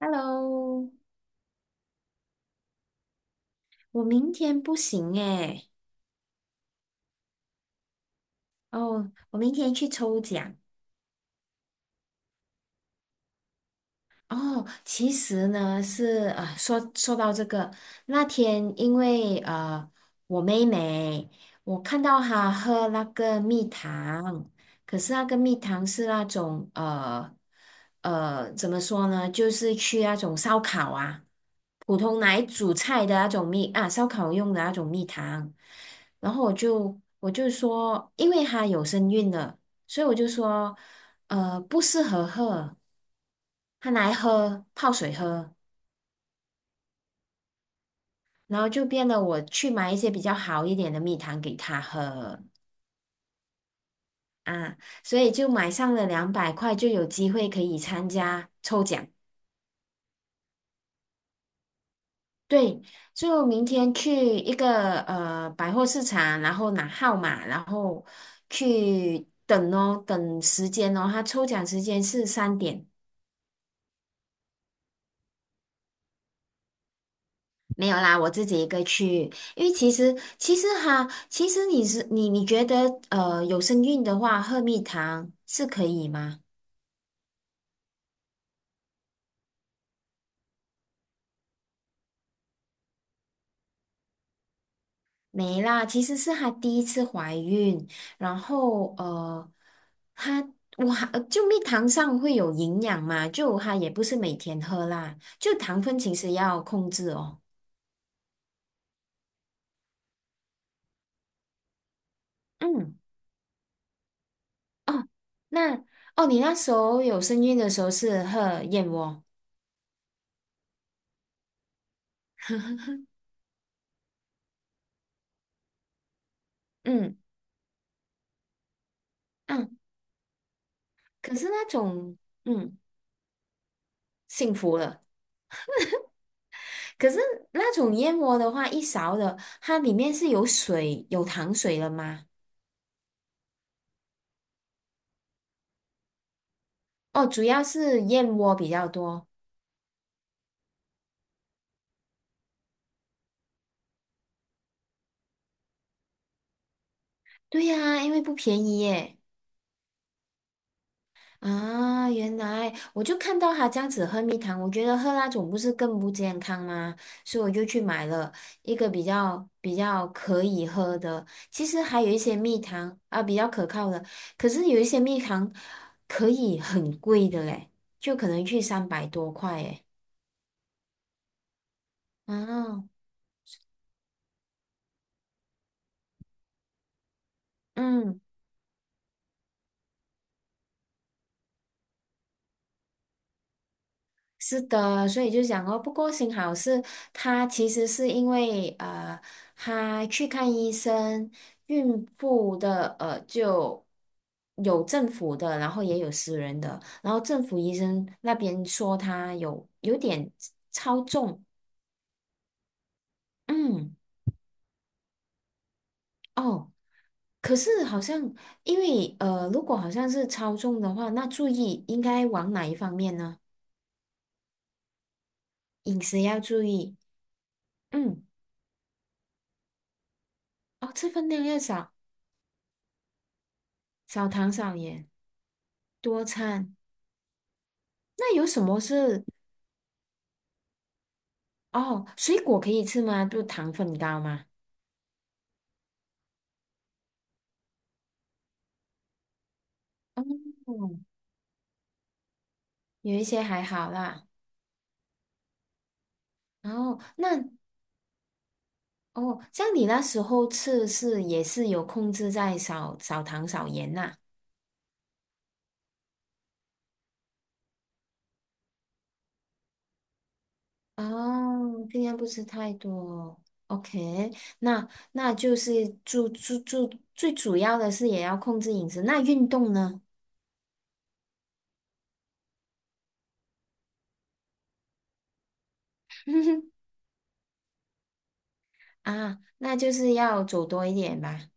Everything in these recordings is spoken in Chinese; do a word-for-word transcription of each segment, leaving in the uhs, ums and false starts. Hello，我明天不行诶。哦，我明天去抽奖。哦，其实呢是啊，说说到这个。那天因为呃，我妹妹，我看到她喝那个蜜糖。可是那个蜜糖是那种呃呃，怎么说呢，就是去那种烧烤啊，普通来煮菜的那种蜜啊，烧烤用的那种蜜糖。然后我就我就说，因为她有身孕了，所以我就说。呃，不适合喝，他拿来喝泡水喝。然后就变得我去买一些比较好一点的蜜糖给他喝啊。所以就买上了两百块，就有机会可以参加抽奖。对，就明天去一个呃百货市场，然后拿号码，然后去等哦，等时间哦，他抽奖时间是三点。没有啦，我自己一个去。因为其实其实哈，其实你是你你觉得呃有身孕的话，喝蜜糖是可以吗？没啦，其实是她第一次怀孕。然后呃，她我还呃就蜜糖上会有营养嘛，就她也不是每天喝啦，就糖分其实要控制哦。嗯，哦，那哦，你那时候有身孕的时候是喝燕窝。嗯嗯，可是那种。嗯。幸福了。可是那种燕窝的话，一勺的，它里面是有水、有糖水了吗？哦，主要是燕窝比较多。对呀，因为不便宜耶。啊，原来我就看到他这样子喝蜜糖，我觉得喝那种不是更不健康吗？所以我就去买了一个比较比较可以喝的。其实还有一些蜜糖啊，比较可靠的。可是有一些蜜糖可以很贵的嘞，就可能去三百多块耶。哦，嗯，是的。所以就讲哦，不过幸好是她其实是因为呃，她去看医生，孕妇的呃就有政府的，然后也有私人的，然后政府医生那边说她有有点超重。嗯，哦，可是好像因为呃，如果好像是超重的话，那注意应该往哪一方面呢？饮食要注意，嗯，哦，吃分量要少。少糖少盐，多餐。那有什么是哦？水果可以吃吗？就糖分高吗？哦，有一些还好啦。哦，那哦，像你那时候吃是也是有控制在少少糖少盐呐、哦，尽量不吃太多。OK，那那就是主主主最主要的是也要控制饮食。那运动呢？啊，那就是要走多一点吧。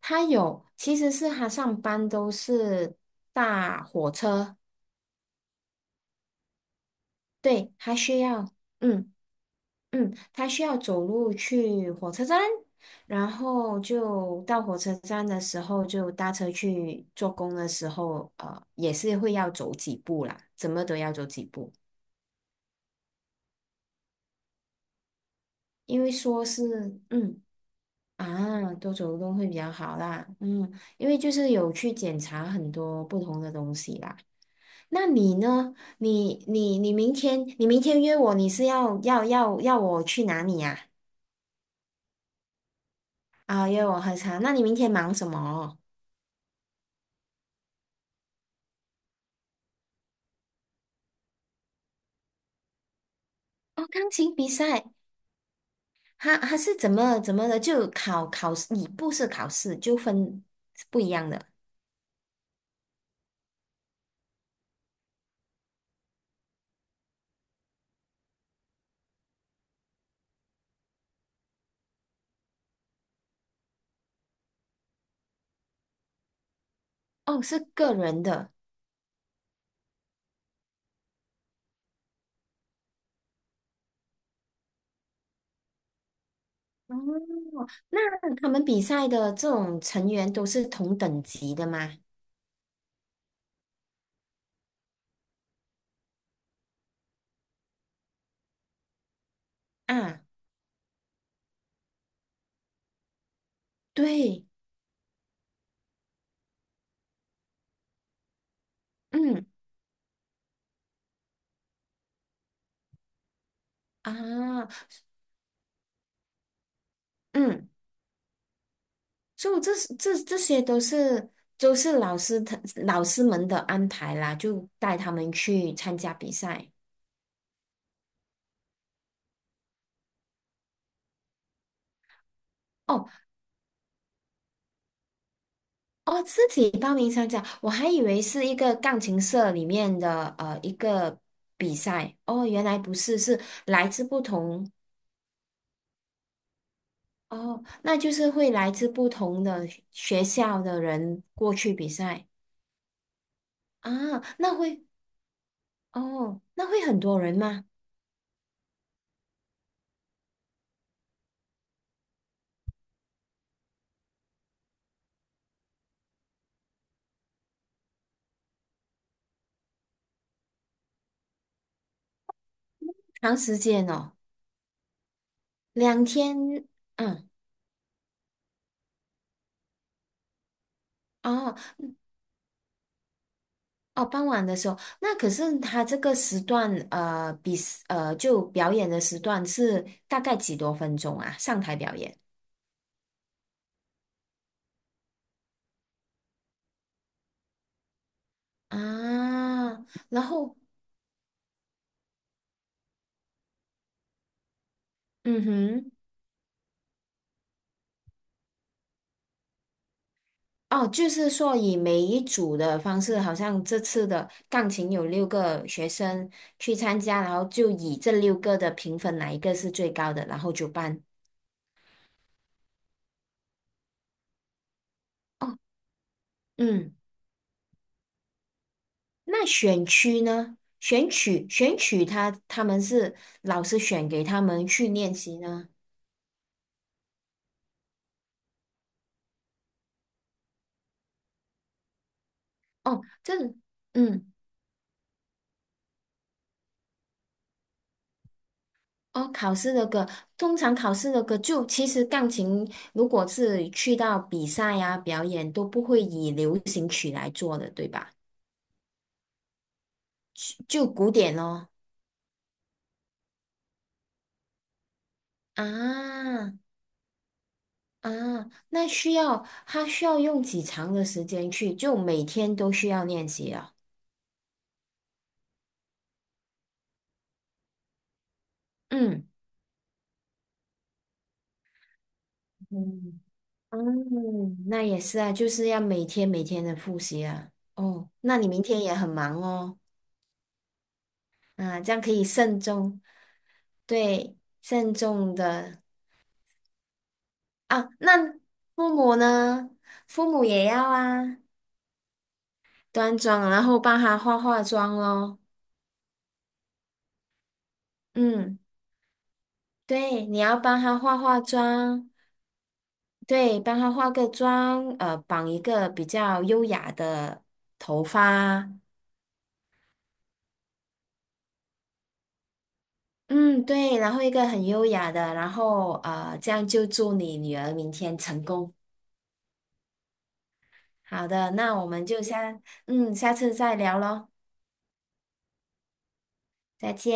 他有，其实是他上班都是搭火车。对，他需要，嗯嗯，他需要走路去火车站。然后就到火车站的时候就搭车去做工的时候，呃，也是会要走几步啦，怎么都要走几步。因为说是，嗯啊，多走动会比较好啦，嗯。因为就是有去检查很多不同的东西啦。那你呢？你你你明天你明天约我，你是要要要要我去哪里呀、啊？约我喝茶。那你明天忙什么？哦，钢琴比赛。他他是怎么怎么的？就考考试，你不是考试，就分是不一样的。哦，是个人的。哦，那他们比赛的这种成员都是同等级的吗？啊，对，嗯啊，嗯。就这是这这些都是都是老师他老师们的安排啦，就带他们去参加比赛。哦哦，自己报名参加，我还以为是一个钢琴社里面的呃一个比赛。哦，原来不是，是来自不同。哦，那就是会来自不同的学学校的人过去比赛啊。那会哦，那会很多人吗？长时间哦，两天。嗯。哦哦，傍晚的时候，那可是他这个时段，呃，比呃就表演的时段是大概几多分钟啊？上台表演啊，然后嗯哼，哦，就是说以每一组的方式，好像这次的钢琴有六个学生去参加，然后就以这六个的评分哪一个是最高的，然后就办。哦，嗯，那选区呢？选曲选曲他他们是老师选给他们去练习呢？哦，这，嗯，哦，考试的歌，通常考试的歌就其实钢琴，如果是去到比赛呀、表演，都不会以流行曲来做的，对吧？就就古典咯。啊啊，那需要他需要用几长的时间去，就每天都需要练习啊。嗯嗯，嗯，那也是啊，就是要每天每天的复习啊。哦，那你明天也很忙哦。啊，这样可以慎重，对，慎重的啊。那父母呢？父母也要啊，端庄，然后帮他化化妆咯。嗯，对，你要帮他化化妆，对，帮他化个妆，呃，绑一个比较优雅的头发。嗯，对，然后一个很优雅的，然后呃，这样就祝你女儿明天成功。好的，那我们就下，嗯，下次再聊咯，再见。